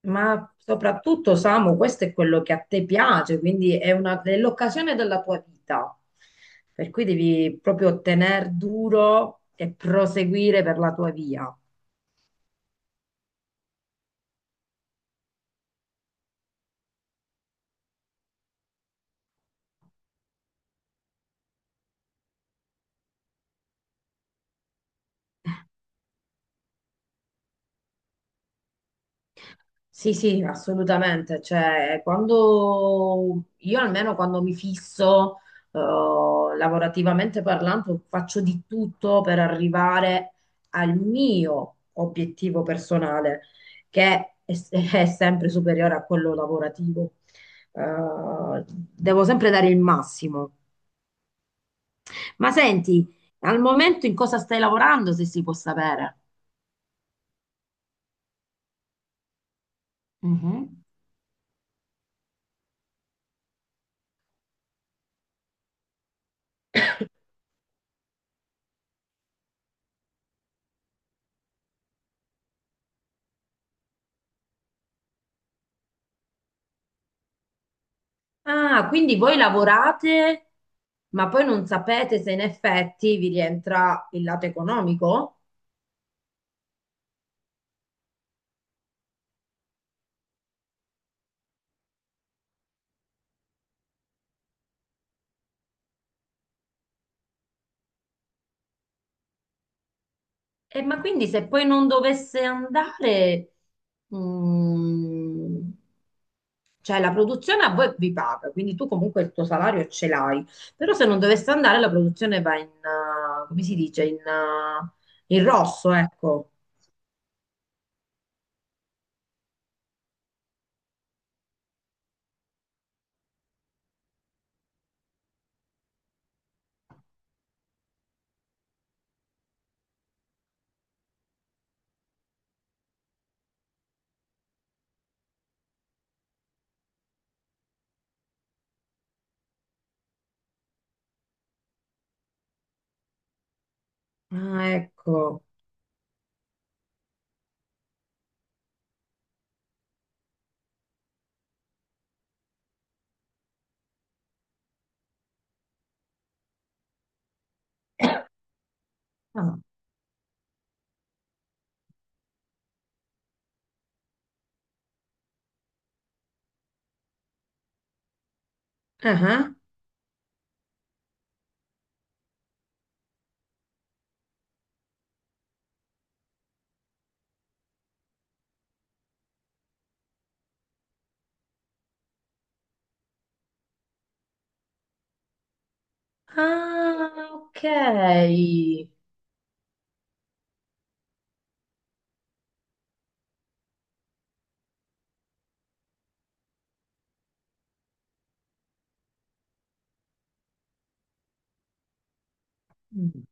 Ma soprattutto, Samu, questo è quello che a te piace, quindi è l'occasione della tua vita. Per cui devi proprio tener duro e proseguire per la tua via. Sì, sì, assolutamente. Cioè, quando io almeno quando mi fisso, lavorativamente parlando, faccio di tutto per arrivare al mio obiettivo personale, che è, è sempre superiore a quello lavorativo. Eh, devo sempre dare il massimo. Ma senti, al momento in cosa stai lavorando, se si può sapere? Mhm. Ah, quindi voi lavorate, ma poi non sapete se in effetti vi rientra il lato economico? E ma quindi se poi non dovesse andare, mm, cioè la produzione a voi vi paga, quindi tu comunque il tuo salario ce l'hai, però se non dovesse andare la produzione va in, come si dice, in, in rosso, ecco. Ah, ecco. Ah, ah, ah. Ah, ok. Mm.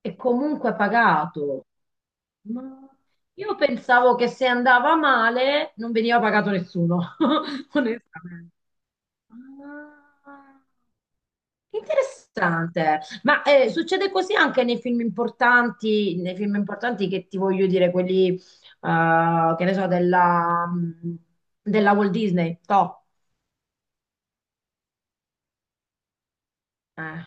E comunque pagato. Ma io pensavo che se andava male non veniva pagato nessuno, onestamente. Ah. Interessante, ma succede così anche nei film importanti che ti voglio dire, quelli che ne so, della, mm, della Walt Disney, no? Eh.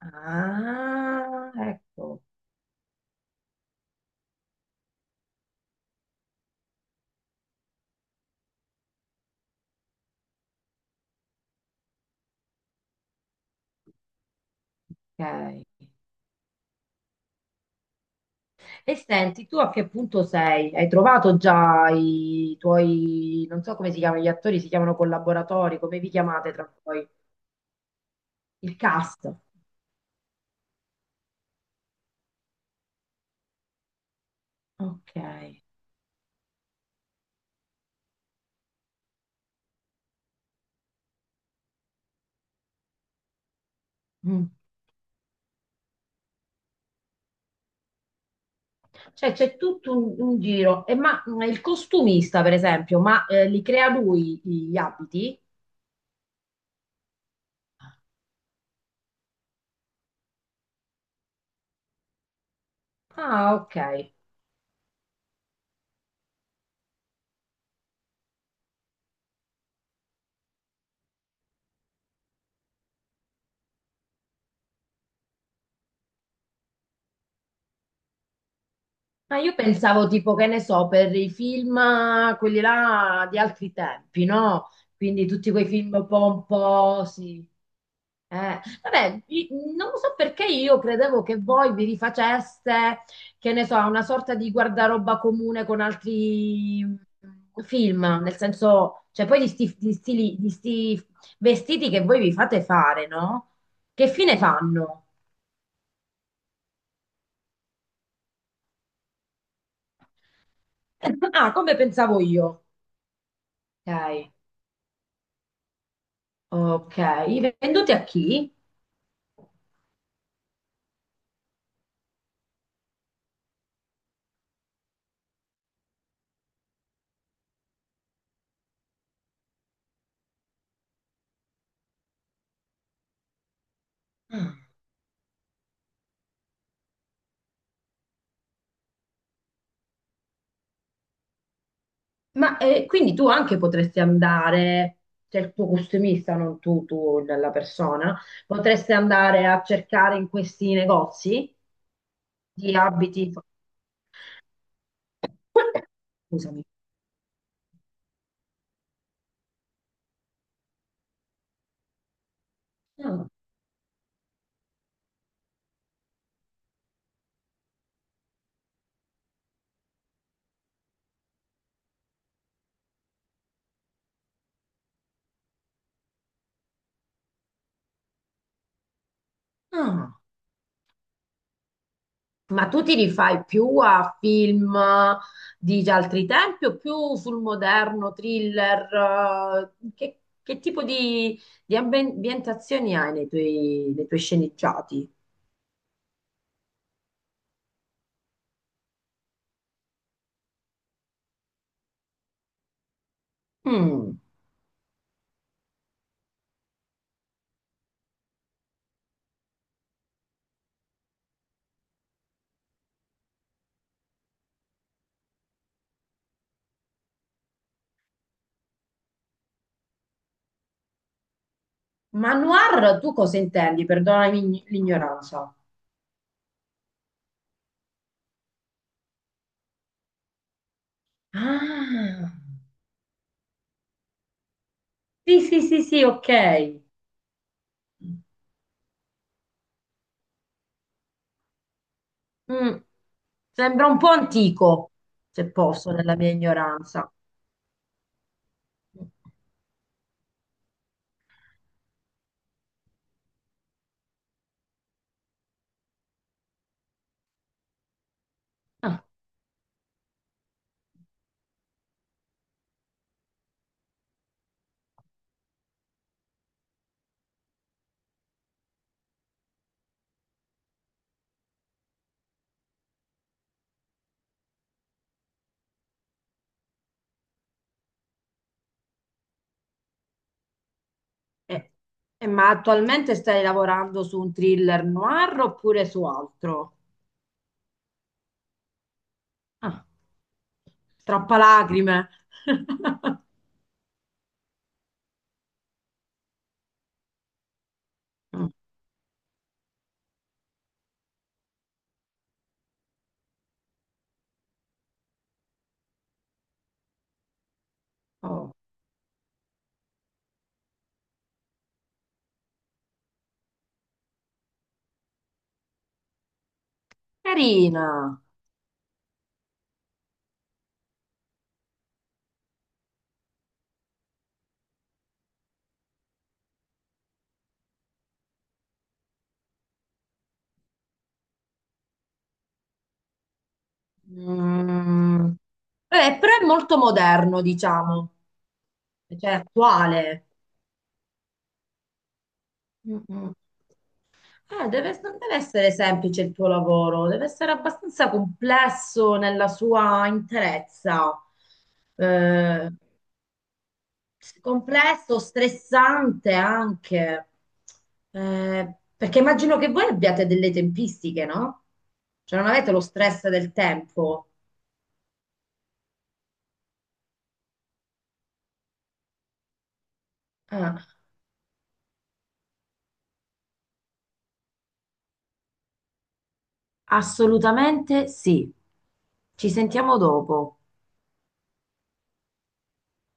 Ah, ecco, ok. E senti, tu a che punto sei? Hai trovato già i tuoi, non so come si chiamano gli attori, si chiamano collaboratori, come vi chiamate tra voi? Il cast. Ok. Mm. Cioè c'è tutto un giro. E ma il costumista, per esempio, ma li crea lui gli abiti? Ah, ok. Ma io pensavo tipo, che ne so, per i film, quelli là di altri tempi, no? Quindi tutti quei film pomposi. Vabbè, non so perché io credevo che voi vi rifaceste, che ne so, a una sorta di guardaroba comune con altri film, nel senso, cioè poi di sti vestiti che voi vi fate fare, no? Che fine fanno? Ah, come pensavo io. Ok. Ok, venduti a chi? Ah. Ma quindi tu anche potresti andare, cioè il tuo costumista, non tu, tu, la persona, potresti andare a cercare in questi negozi di abiti. Scusami. Ah. Ah. Ma tu ti rifai più a film di altri tempi o più sul moderno, thriller? Che tipo di, ambientazioni hai nei tuoi sceneggiati? Mm. Ma noir tu cosa intendi? Perdonami l'ignoranza. Ah, sì, sì, sì, sì, ok. Mm. Sembra un po' antico, se posso, nella mia ignoranza. Eh, ma attualmente stai lavorando su un thriller noir oppure su altro? Ah, troppa lacrime. Mm, oh, carina. Mm, però è molto moderno, diciamo, cioè attuale. Mm, mm. Deve, non deve essere semplice il tuo lavoro, deve essere abbastanza complesso nella sua interezza. Eh, complesso, stressante anche, eh, perché immagino che voi abbiate delle tempistiche, no? Cioè non avete lo stress del tempo. Ah, assolutamente sì. Ci sentiamo dopo.